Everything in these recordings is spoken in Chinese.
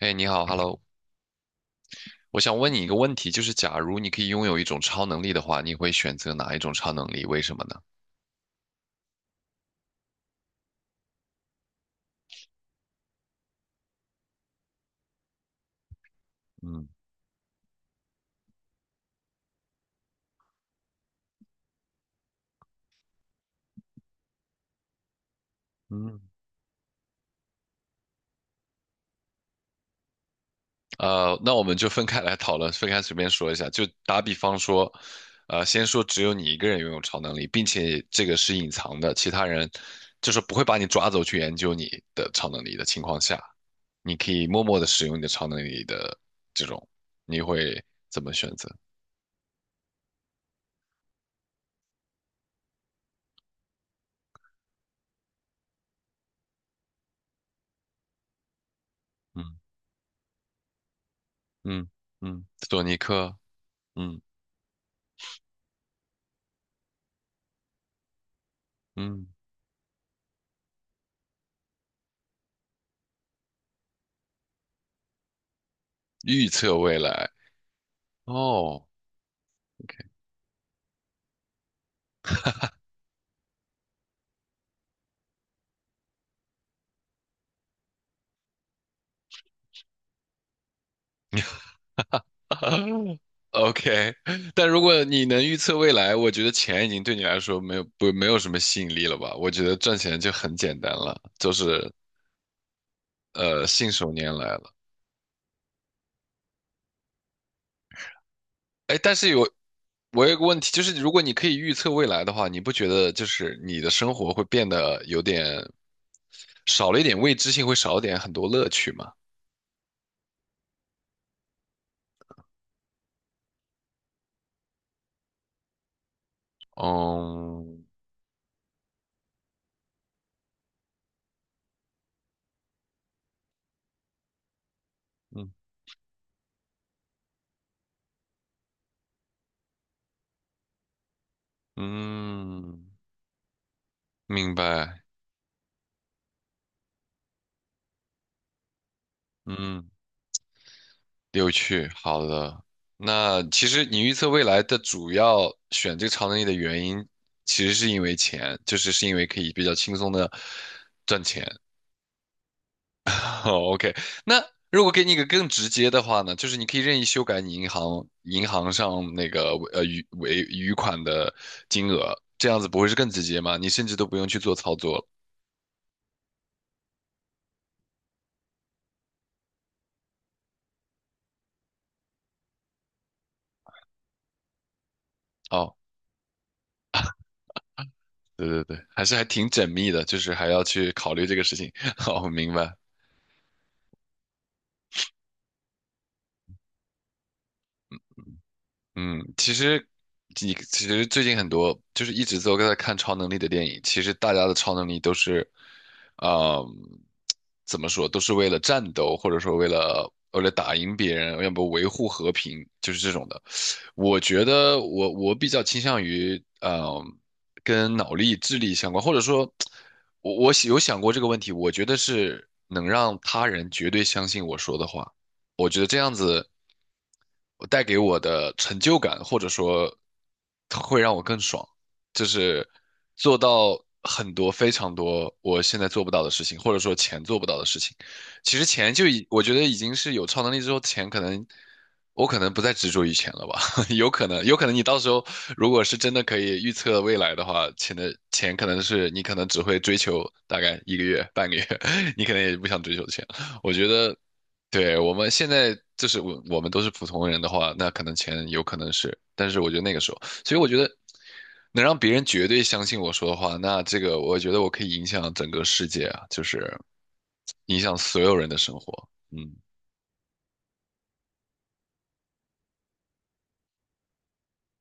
哎，你好，Hello，我想问你一个问题，就是假如你可以拥有一种超能力的话，你会选择哪一种超能力？为什么呢？嗯嗯，那我们就分开来讨论，分开随便说一下。就打比方说，先说只有你一个人拥有超能力，并且这个是隐藏的，其他人就是不会把你抓走去研究你的超能力的情况下，你可以默默的使用你的超能力的这种，你会怎么选择？嗯嗯嗯，索尼克，嗯嗯。预测未来哦 ，OK。但如果你能预测未来，我觉得钱已经对你来说没有什么吸引力了吧？我觉得赚钱就很简单了，就是信手拈来了。哎，但是有我有个问题，就是如果你可以预测未来的话，你不觉得就是你的生活会变得有点少了一点未知性，会少一点很多乐趣吗？哦。嗯嗯，明白。嗯。有趣，好的。那其实你预测未来的主要选这个超能力的原因，其实是因为钱，就是是因为可以比较轻松的赚钱。哦，OK。那如果给你一个更直接的话呢，就是你可以任意修改你银行上那个余尾余款的金额，这样子不会是更直接吗？你甚至都不用去做操作了。哦，对对对，还是还挺缜密的，就是还要去考虑这个事情。哦，明白。嗯，其实你其实最近很多就是一直都在看超能力的电影，其实大家的超能力都是，呃，怎么说，都是为了战斗，或者说为了打赢别人，要不维护和平，就是这种的。我觉得我比较倾向于，跟脑力、智力相关，或者说，我有想过这个问题，我觉得是能让他人绝对相信我说的话。我觉得这样子，我带给我的成就感，或者说会让我更爽，就是做到很多非常多我现在做不到的事情，或者说钱做不到的事情。其实钱就已，我觉得已经是有超能力之后，钱可能我可能不再执着于钱了吧，有可能，有可能你到时候如果是真的可以预测未来的话，钱的钱可能是你可能只会追求大概一个月、半个月，你可能也不想追求钱。我觉得对，我们现在就是我们都是普通人的话，那可能钱有可能是，但是我觉得那个时候，所以我觉得能让别人绝对相信我说的话，那这个我觉得我可以影响整个世界啊，就是影响所有人的生活。嗯，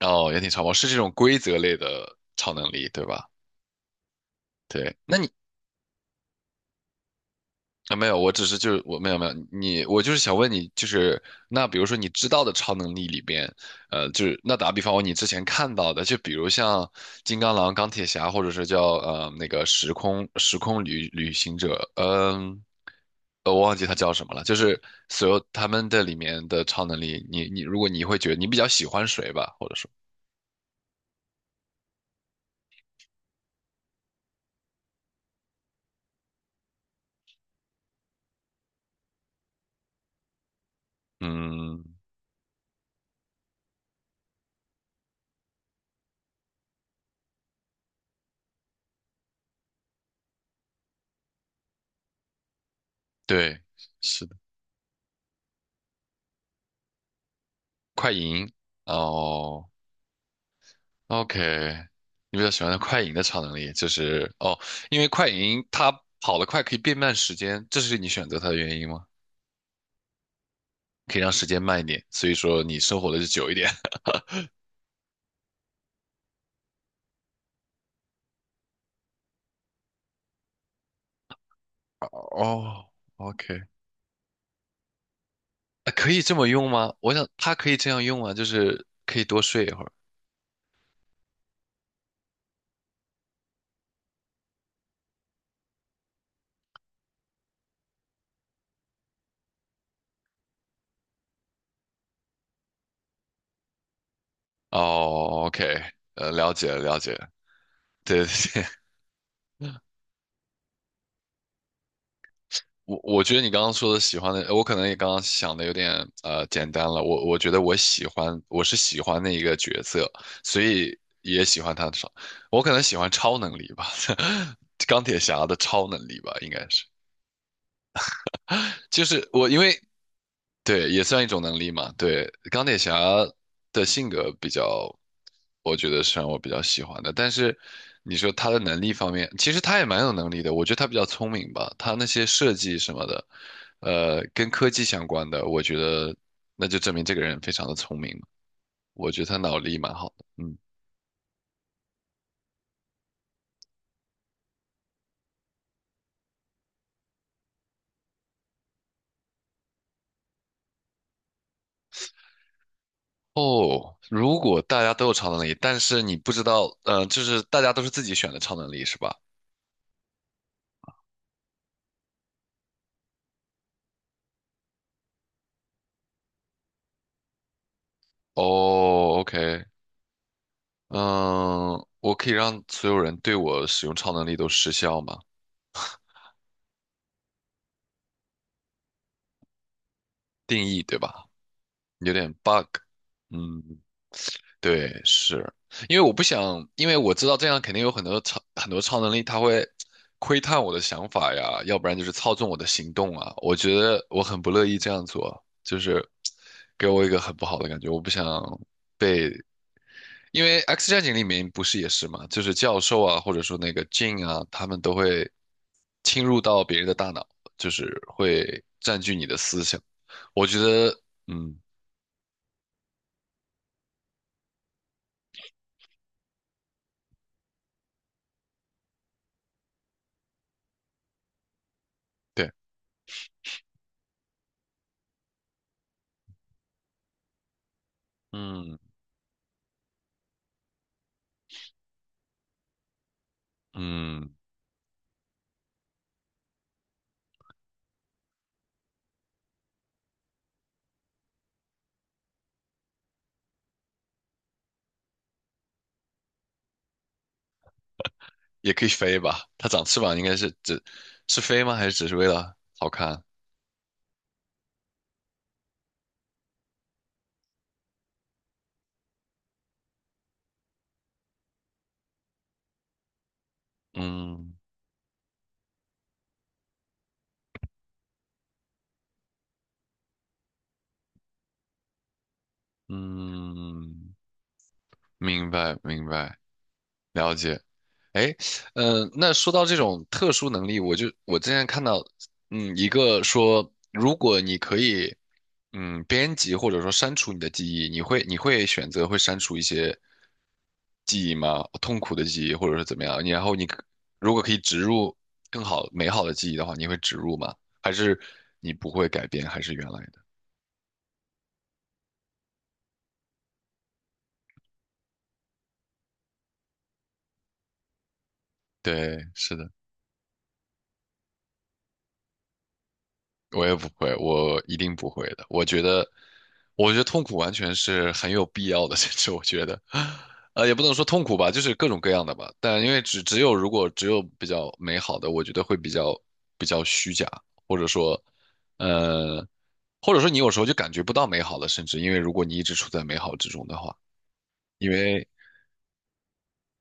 哦，也挺超模是这种规则类的超能力，对吧？对，那你啊，没有，我只是就是我没有你，我就是想问你，就是那比如说你知道的超能力里边，就是那打比方，你之前看到的，就比如像金刚狼、钢铁侠，或者是叫那个时空旅行者，嗯、我忘记他叫什么了，就是所有他们的里面的超能力，你如果你会觉得你比较喜欢谁吧，或者说，嗯，对，是的，快银，哦。OK，你比较喜欢的快银的超能力就是哦，因为快银它跑得快可以变慢时间，这是你选择它的原因吗？可以让时间慢一点，所以说你生活的就久一点。哦，OK，啊可以这么用吗？我想它可以这样用啊，就是可以多睡一会儿。哦，OK，了解了，了解了，对对对，我觉得你刚刚说的喜欢的，我可能也刚刚想的有点简单了。我觉得我喜欢，我是喜欢那一个角色，所以也喜欢他的超。我可能喜欢超能力吧，钢铁侠的超能力吧，应该是。就是我因为对，也算一种能力嘛。对，钢铁侠的性格比较，我觉得是让我比较喜欢的。但是你说他的能力方面，其实他也蛮有能力的。我觉得他比较聪明吧，他那些设计什么的，跟科技相关的，我觉得那就证明这个人非常的聪明嘛。我觉得他脑力蛮好的。嗯，哦，如果大家都有超能力，但是你不知道，就是大家都是自己选的超能力是吧？哦，OK，嗯，我可以让所有人对我使用超能力都失效吗？定义对吧？有点 bug。嗯，对，是因为我不想，因为我知道这样肯定有很多超能力，它会窥探我的想法呀，要不然就是操纵我的行动啊。我觉得我很不乐意这样做，就是给我一个很不好的感觉，我不想。被。因为《X 战警》里面不是也是嘛，就是教授啊，或者说那个 Jean 啊，他们都会侵入到别人的大脑，就是会占据你的思想。我觉得，嗯，对，嗯嗯，也可以飞吧？它长翅膀应该是只是飞吗？还是只是为了好看？嗯嗯，明白明白。了解，哎，嗯、那说到这种特殊能力，我就我之前看到，嗯，一个说，如果你可以，嗯，编辑或者说删除你的记忆，你会选择会删除一些记忆吗？痛苦的记忆，或者是怎么样？你然后你可如果可以植入更好美好的记忆的话，你会植入吗？还是你不会改变，还是原来的？对，是的。我也不会，我一定不会的。我觉得，我觉得痛苦完全是很有必要的，甚至我觉得，也不能说痛苦吧，就是各种各样的吧。但因为只有如果只有比较美好的，我觉得会比较虚假，或者说，呃，或者说你有时候就感觉不到美好了，甚至因为如果你一直处在美好之中的话，因为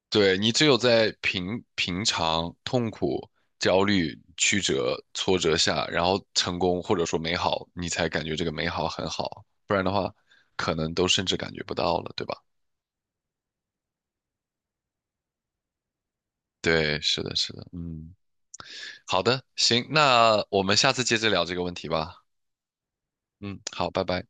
对，你只有在平常、痛苦、焦虑、曲折、挫折下，然后成功或者说美好，你才感觉这个美好很好，不然的话，可能都甚至感觉不到了，对吧？对，是的，是的，嗯，好的，行，那我们下次接着聊这个问题吧。嗯，好，拜拜。